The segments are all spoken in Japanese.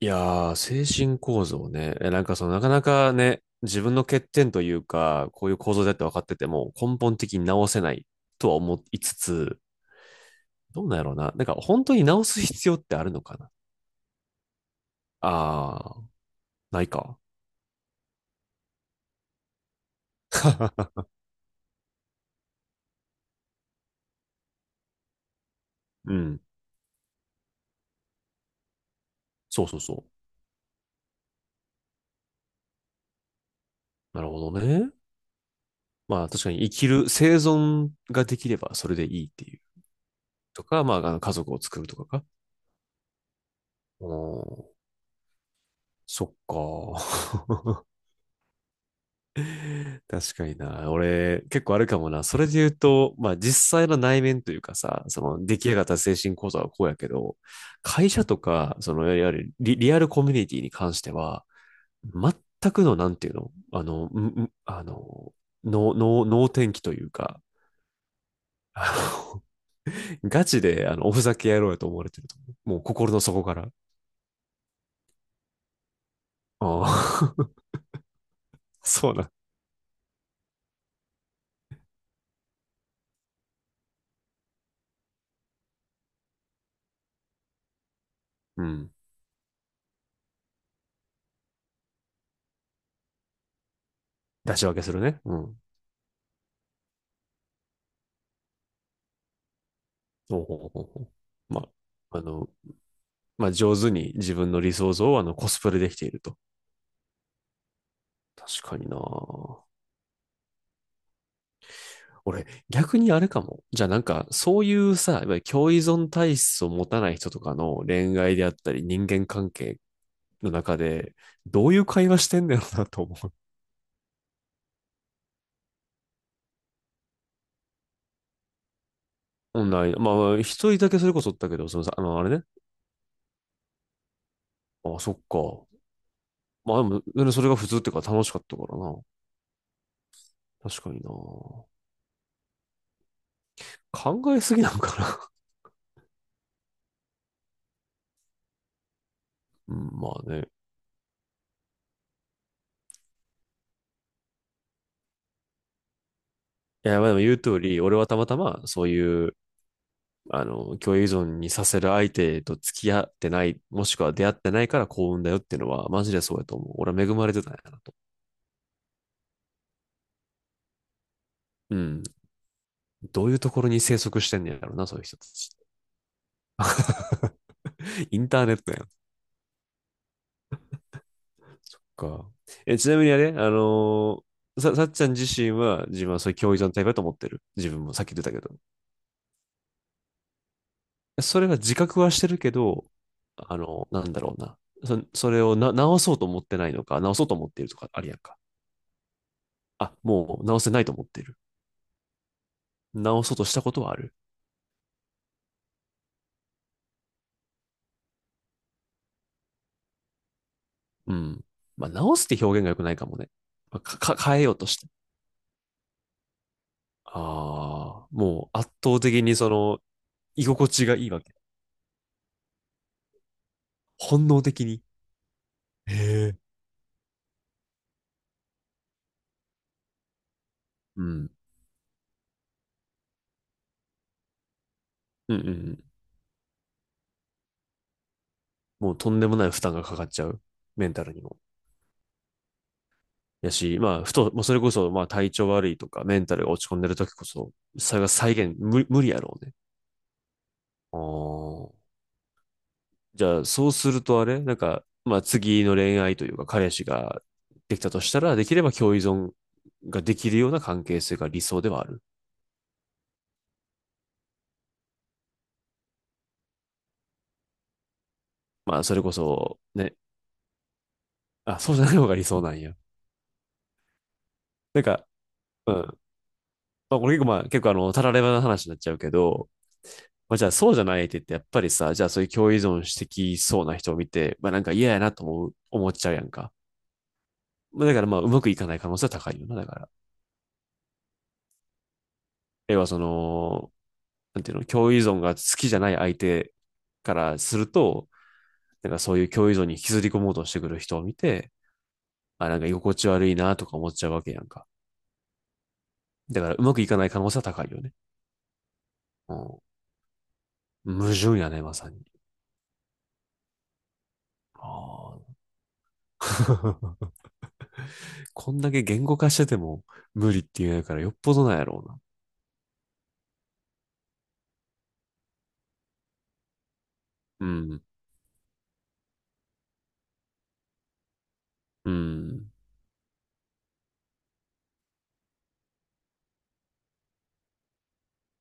いやー、精神構造ね。なんかなかなかね、自分の欠点というか、こういう構造だって分かってても、根本的に直せないとは思いつつ、どうなんやろうな。なんか本当に直す必要ってあるのかなあー、ないか。うん。そうそうそう。なるほどね。まあ確かに生存ができればそれでいいっていう。とか、まあ、あの家族を作るとかか。うん、そっか。確かにな。俺、結構あるかもな。それで言うと、まあ実際の内面というかさ、その出来上がった精神構造はこうやけど、会社とか、いわゆるリアルコミュニティに関しては、全くの、なんていうの能天気というか、あガチで、おふざけ野郎やと思われてると思う。もう心の底から。ああ、 そうな。うん。出し分けするね。うん。おうほうほうほうまあ、まあ、上手に自分の理想像をコスプレできていると。確かにな。俺、逆にあれかも。じゃあなんか、そういうさ、いわゆる共依存体質を持たない人とかの恋愛であったり、人間関係の中で、どういう会話してんだろうなと思う。オンライン、まあ、一人だけそれこそだけど、そのさ、あの、あれね。ああ、そっか。まあでも、それが普通っていうか楽しかったからな。確かにな。考えすぎなのかな。うん、まあね。いや、まあでも言う通り、俺はたまたまそういう共栄依存にさせる相手と付き合ってない、もしくは出会ってないから幸運だよっていうのは、マジでそうやと思う。俺は恵まれてたんやなと。うん。どういうところに生息してんねやろな、そういう人たち。インターネットやん。そっか。ちなみにあれ、さ、さっちゃん自身は自分はそういう共栄依存タイプだと思ってる。自分もさっき出たけど。それは自覚はしてるけど、なんだろうな。それをな、直そうと思ってないのか、直そうと思っているとかあるやんか。あ、もう直せないと思っている。直そうとしたことはある。うん。まあ、直すって表現が良くないかもね。まあ、変えようとして。ああ、もう圧倒的にその、居心地がいいわけ。本能的に。へえ。うん。うんうんうん。もうとんでもない負担がかかっちゃう。メンタルにも。やし、まあ、ふと、もうそれこそ、まあ、体調悪いとか、メンタルが落ち込んでる時こそ、それが再現、無、無理やろうね。ああ。じゃあ、そうするとあれなんか、まあ次の恋愛というか彼氏ができたとしたら、できれば共依存ができるような関係性が理想ではある。まあ、それこそ、ね。あ、そうじゃない方が理想なんや。なんか、うん。まあ、これ結構たらればな話になっちゃうけど、まあ、じゃあそうじゃない相手ってやっぱりさ、じゃあそういう共依存してきそうな人を見て、まあなんか嫌やなと思っちゃうやんか。まあ、だからまあ、うまくいかない可能性は高いよな、だから。要はなんていうの、共依存が好きじゃない相手からすると、なんかそういう共依存に引きずり込もうとしてくる人を見て、あ、なんか居心地悪いなとか思っちゃうわけやんか。だからうまくいかない可能性は高いよね。うん。矛盾やね、まさに。ああ、こんだけ言語化してても無理って言うんやからよっぽどなんやろうな。うん。うん。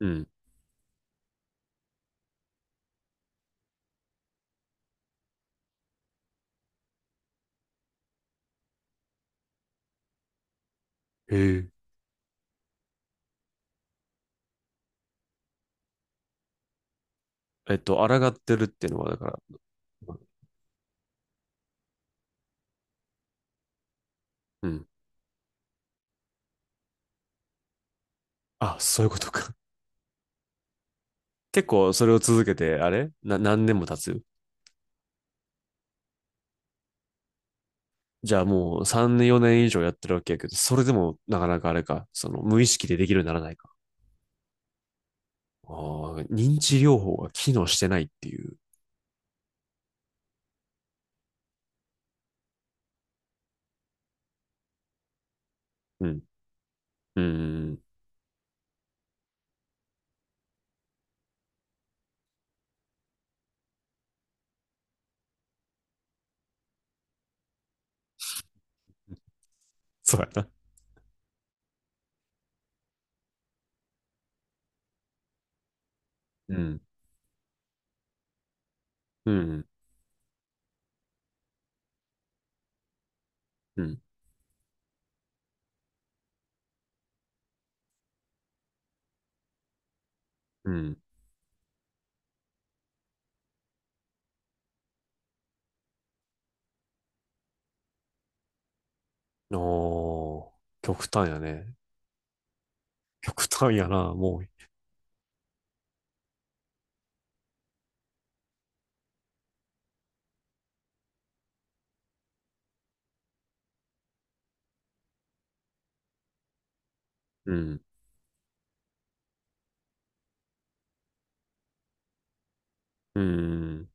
うん。へえ。抗ってるっていうのはだから、うん。あ、そういうことか。結構それを続けて、あれな、何年も経つ。じゃあもう3年、4年以上やってるわけやけど、それでもなかなかあれか、その無意識でできるようにならないか。ああ、認知療法が機能してないっていう。うん。うん。そうやな。うん。うん。うん。うん。おー、極端やね。極端やな、もう。うん。うん。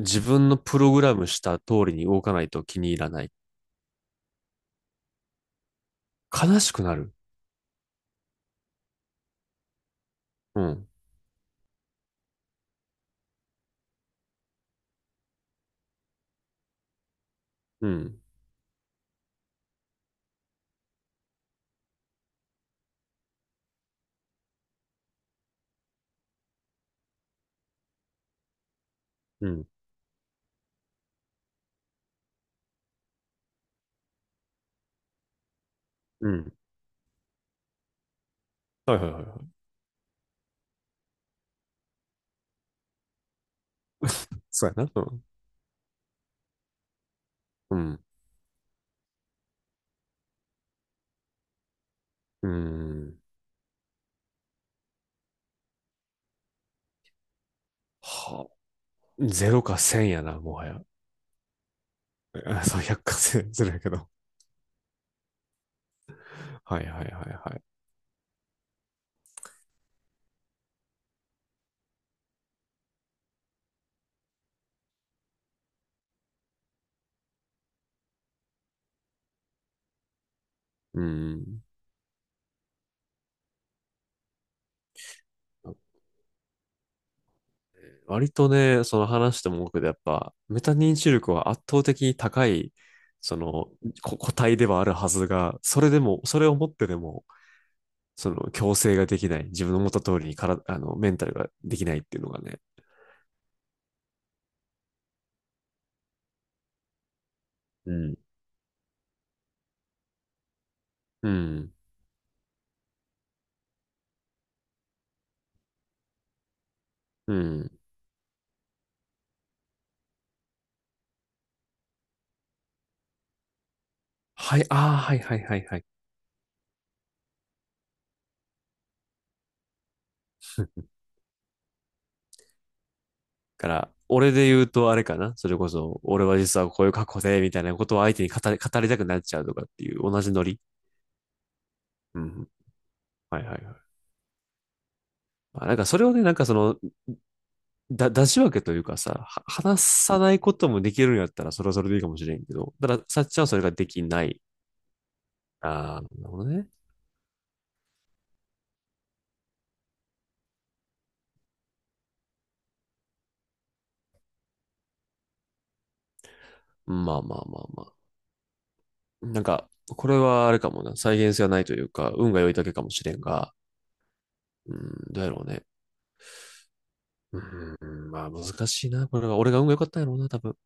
自分のプログラムした通りに動かないと気に入らない。悲しくなる。うん。うん。うん。うん。はいはいはいはい。そうやな。うん。うん。うん。はあ、ゼロか1000やな、もはや。あそう、100か1000するやけど。はいはいはいはい。うん。割とね、その話しても多くでやっぱ、メタ認知力は圧倒的に高い、その、個体ではあるはずが、それでも、それを持ってでも、その、強制ができない、自分の思った通りにから、メンタルができないっていうのがね。うん。うん。うん。はい、ああ、はいはいはいはい。から、俺で言うとあれかなそれこそ、俺は実はこういう過去で、みたいなことを相手に語りたくなっちゃうとかっていう同じノリ。うん。はいはいはい。まあ、なんかそれをね、なんかその、出し分けというかさ、話さないこともできるんやったら、それはそれでいいかもしれんけど、ただ、さっちゃんはそれができない。ああ、なるほどね。まあまあまあまあ。なんか、これはあれかもな。再現性がないというか、運が良いだけかもしれんが、うん、どうやろうね。うん、まあ難しいな。これが、俺が運が良かったんやろうな、多分。